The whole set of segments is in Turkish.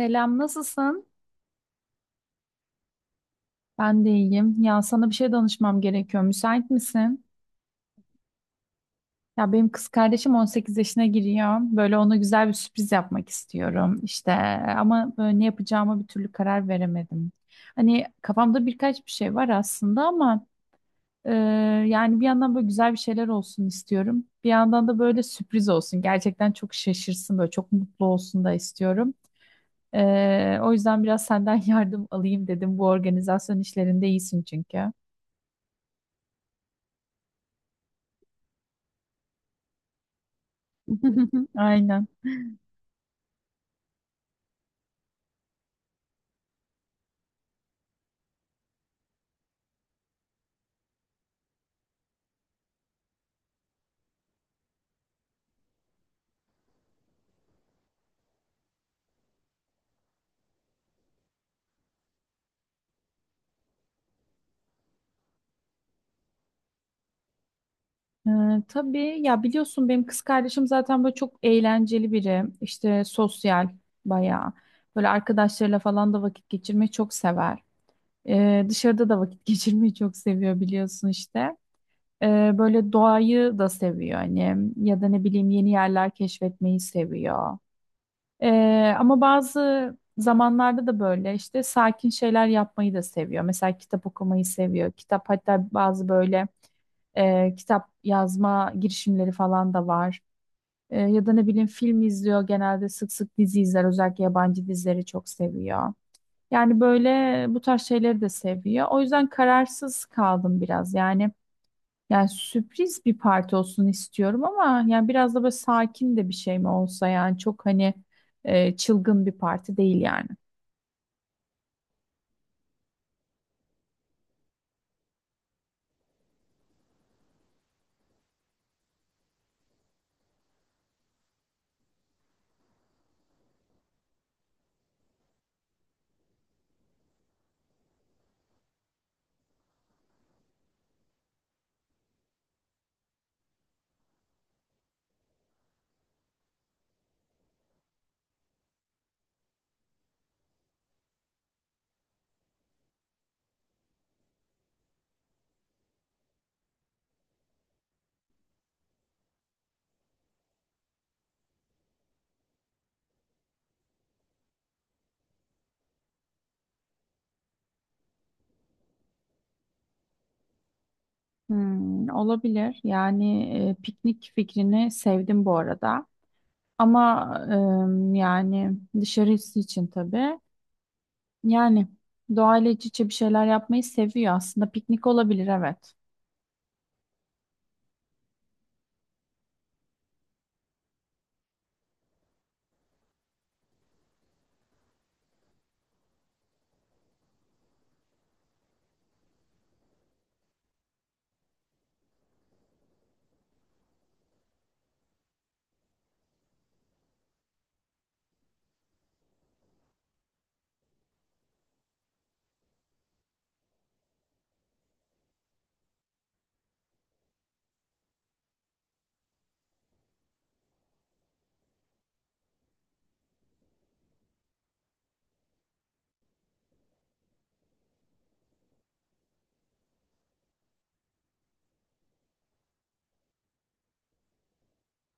Selam, nasılsın? Ben de iyiyim. Ya sana bir şey danışmam gerekiyor. Müsait misin? Ya benim kız kardeşim 18 yaşına giriyor. Böyle ona güzel bir sürpriz yapmak istiyorum. İşte ama böyle ne yapacağıma bir türlü karar veremedim. Hani kafamda birkaç bir şey var aslında ama e, yani bir yandan böyle güzel bir şeyler olsun istiyorum. Bir yandan da böyle sürpriz olsun. Gerçekten çok şaşırsın böyle çok mutlu olsun da istiyorum. O yüzden biraz senden yardım alayım dedim. Bu organizasyon işlerinde iyisin çünkü. Aynen. Tabii ya biliyorsun benim kız kardeşim zaten böyle çok eğlenceli biri. İşte sosyal bayağı. Böyle arkadaşlarıyla falan da vakit geçirmeyi çok sever. Dışarıda da vakit geçirmeyi çok seviyor biliyorsun işte. Böyle doğayı da seviyor hani ya da ne bileyim yeni yerler keşfetmeyi seviyor. Ama bazı zamanlarda da böyle işte sakin şeyler yapmayı da seviyor. Mesela kitap okumayı seviyor. Kitap hatta bazı böyle kitap yazma girişimleri falan da var. E, ya da ne bileyim film izliyor genelde sık sık dizi izler özellikle yabancı dizileri çok seviyor. Yani böyle bu tarz şeyleri de seviyor. O yüzden kararsız kaldım biraz. Yani sürpriz bir parti olsun istiyorum ama yani biraz da böyle sakin de bir şey mi olsa yani çok hani çılgın bir parti değil yani. Hmm, olabilir. Yani piknik fikrini sevdim bu arada. Ama yani dışarısı için tabii. Yani doğayla iç içe bir şeyler yapmayı seviyor aslında. Piknik olabilir, evet.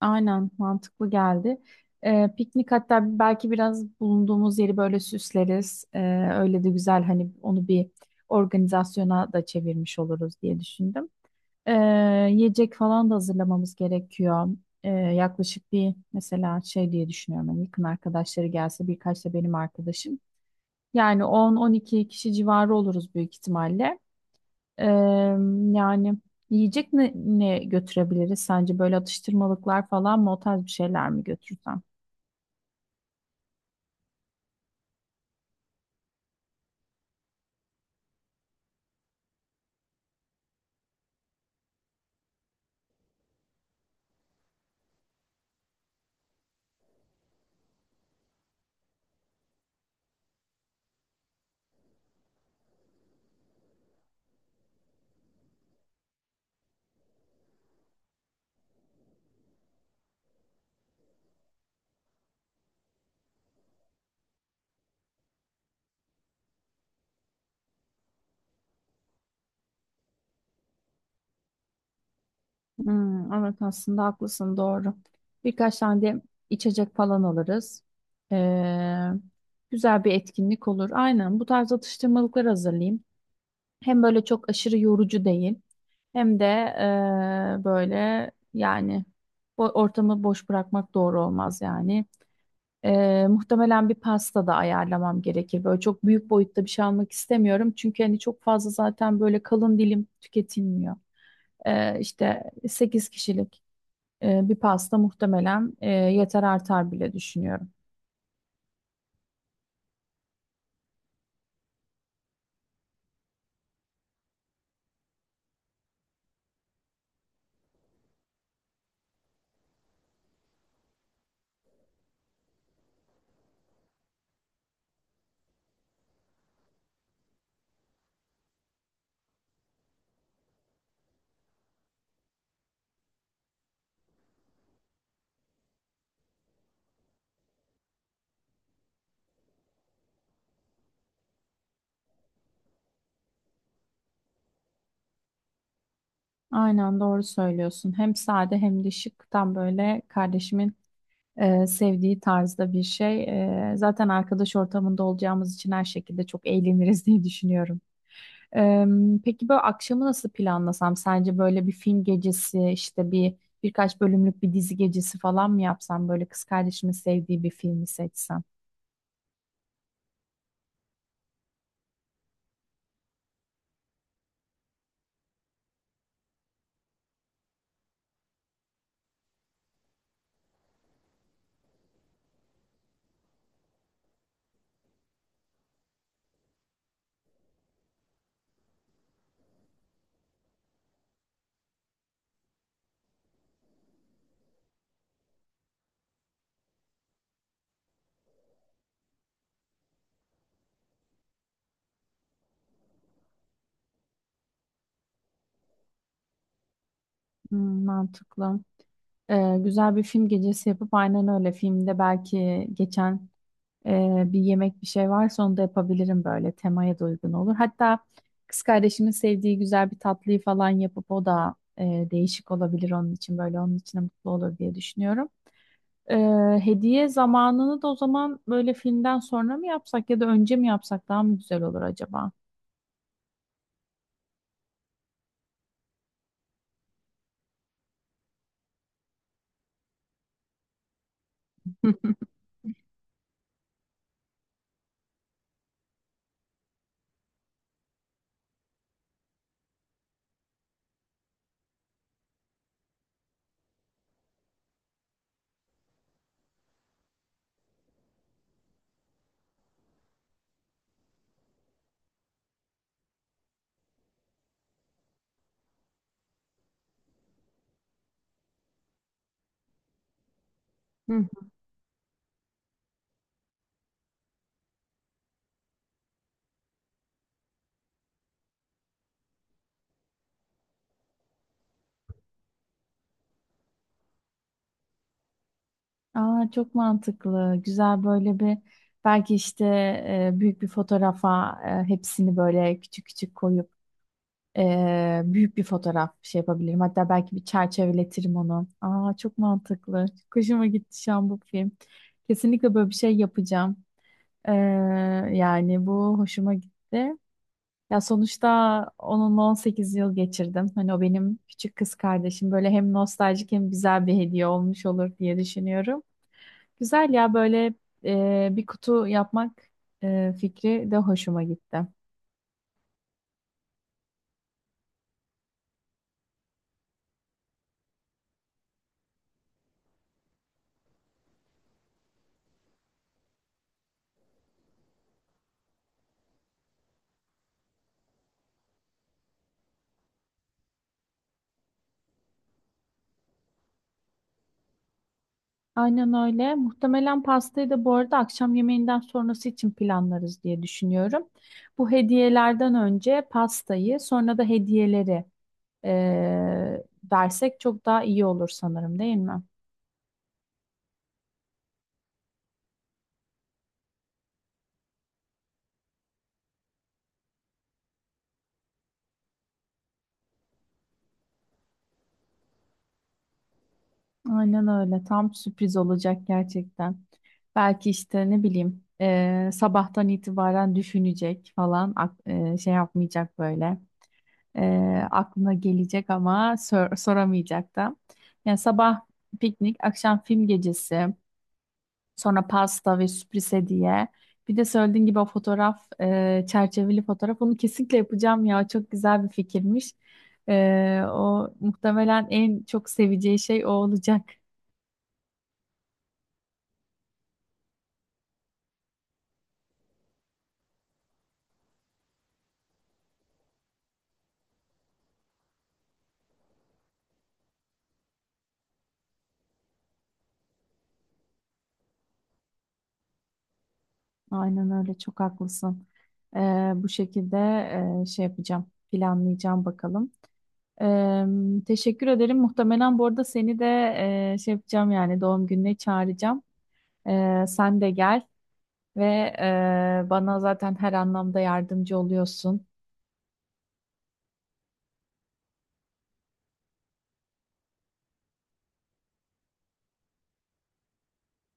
Aynen, mantıklı geldi. E, piknik hatta belki biraz bulunduğumuz yeri böyle süsleriz. Öyle de güzel hani onu bir organizasyona da çevirmiş oluruz diye düşündüm. E, Yiyecek falan da hazırlamamız gerekiyor. E, yaklaşık bir mesela şey diye düşünüyorum. Hani yakın arkadaşları gelse birkaç da benim arkadaşım. Yani 10-12 kişi civarı oluruz büyük ihtimalle. Ee, Yani yiyecek ne götürebiliriz sence? Böyle atıştırmalıklar falan mı, o tarz bir şeyler mi götürsem? Hmm, evet, aslında haklısın, doğru. Birkaç tane de içecek falan alırız. Ee, Güzel bir etkinlik olur. Aynen, bu tarz atıştırmalıklar hazırlayayım. Hem böyle çok aşırı yorucu değil. Hem de böyle yani ortamı boş bırakmak doğru olmaz yani. Muhtemelen bir pasta da ayarlamam gerekir. Böyle çok büyük boyutta bir şey almak istemiyorum. Çünkü hani çok fazla zaten böyle kalın dilim tüketilmiyor. İşte 8 kişilik bir pasta muhtemelen yeter, artar bile düşünüyorum. Aynen doğru söylüyorsun. Hem sade hem de şık. Tam böyle kardeşimin sevdiği tarzda bir şey. E, zaten arkadaş ortamında olacağımız için her şekilde çok eğleniriz diye düşünüyorum. E, peki böyle akşamı nasıl planlasam? Sence böyle bir film gecesi, işte birkaç bölümlük bir dizi gecesi falan mı yapsam? Böyle kız kardeşimin sevdiği bir filmi seçsem. Hmm, mantıklı. E, güzel bir film gecesi yapıp aynen öyle filmde belki geçen bir yemek bir şey varsa onu da yapabilirim, böyle temaya da uygun olur. Hatta kız kardeşimin sevdiği güzel bir tatlıyı falan yapıp o da değişik olabilir onun için, böyle onun içine mutlu olur diye düşünüyorum. Ee, Hediye zamanını da o zaman böyle filmden sonra mı yapsak ya da önce mi yapsak daha mı güzel olur acaba? Hı. Aa, çok mantıklı. Güzel böyle bir belki işte büyük bir fotoğrafa hepsini böyle küçük küçük koyup büyük bir fotoğraf şey yapabilirim. Hatta belki bir çerçeveletirim onu. Aa, çok mantıklı. Çok hoşuma gitti şu an bu film. Kesinlikle böyle bir şey yapacağım. Ee, Yani bu hoşuma gitti. Ya sonuçta onunla 18 yıl geçirdim. Hani o benim küçük kız kardeşim. Böyle hem nostaljik hem güzel bir hediye olmuş olur diye düşünüyorum. Güzel ya böyle bir kutu yapmak fikri de hoşuma gitti. Aynen öyle. Muhtemelen pastayı da bu arada akşam yemeğinden sonrası için planlarız diye düşünüyorum. Bu hediyelerden önce pastayı, sonra da hediyeleri e, versek çok daha iyi olur sanırım, değil mi? Aynen öyle. Tam sürpriz olacak gerçekten. Belki işte ne bileyim sabahtan itibaren düşünecek falan şey yapmayacak böyle. Aklına gelecek ama soramayacak da. Yani sabah piknik, akşam film gecesi, sonra pasta ve sürpriz hediye. Bir de söylediğin gibi o fotoğraf, çerçeveli fotoğraf. Onu kesinlikle yapacağım ya. Çok güzel bir fikirmiş. O muhtemelen en çok seveceği şey o olacak. Aynen öyle, çok haklısın. Bu şekilde şey yapacağım, planlayacağım bakalım. Ee, Teşekkür ederim. Muhtemelen bu arada seni de şey yapacağım yani doğum gününe çağıracağım. Sen de gel ve bana zaten her anlamda yardımcı oluyorsun.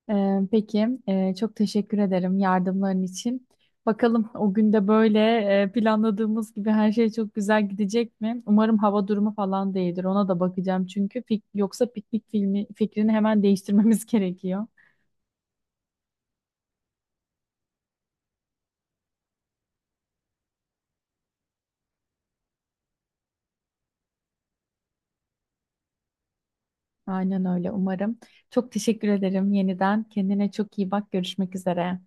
Peki, çok teşekkür ederim yardımların için. Bakalım o günde böyle planladığımız gibi her şey çok güzel gidecek mi? Umarım hava durumu falan değildir. Ona da bakacağım çünkü yoksa piknik filmi fikrini hemen değiştirmemiz gerekiyor. Aynen öyle, umarım. Çok teşekkür ederim yeniden. Kendine çok iyi bak. Görüşmek üzere.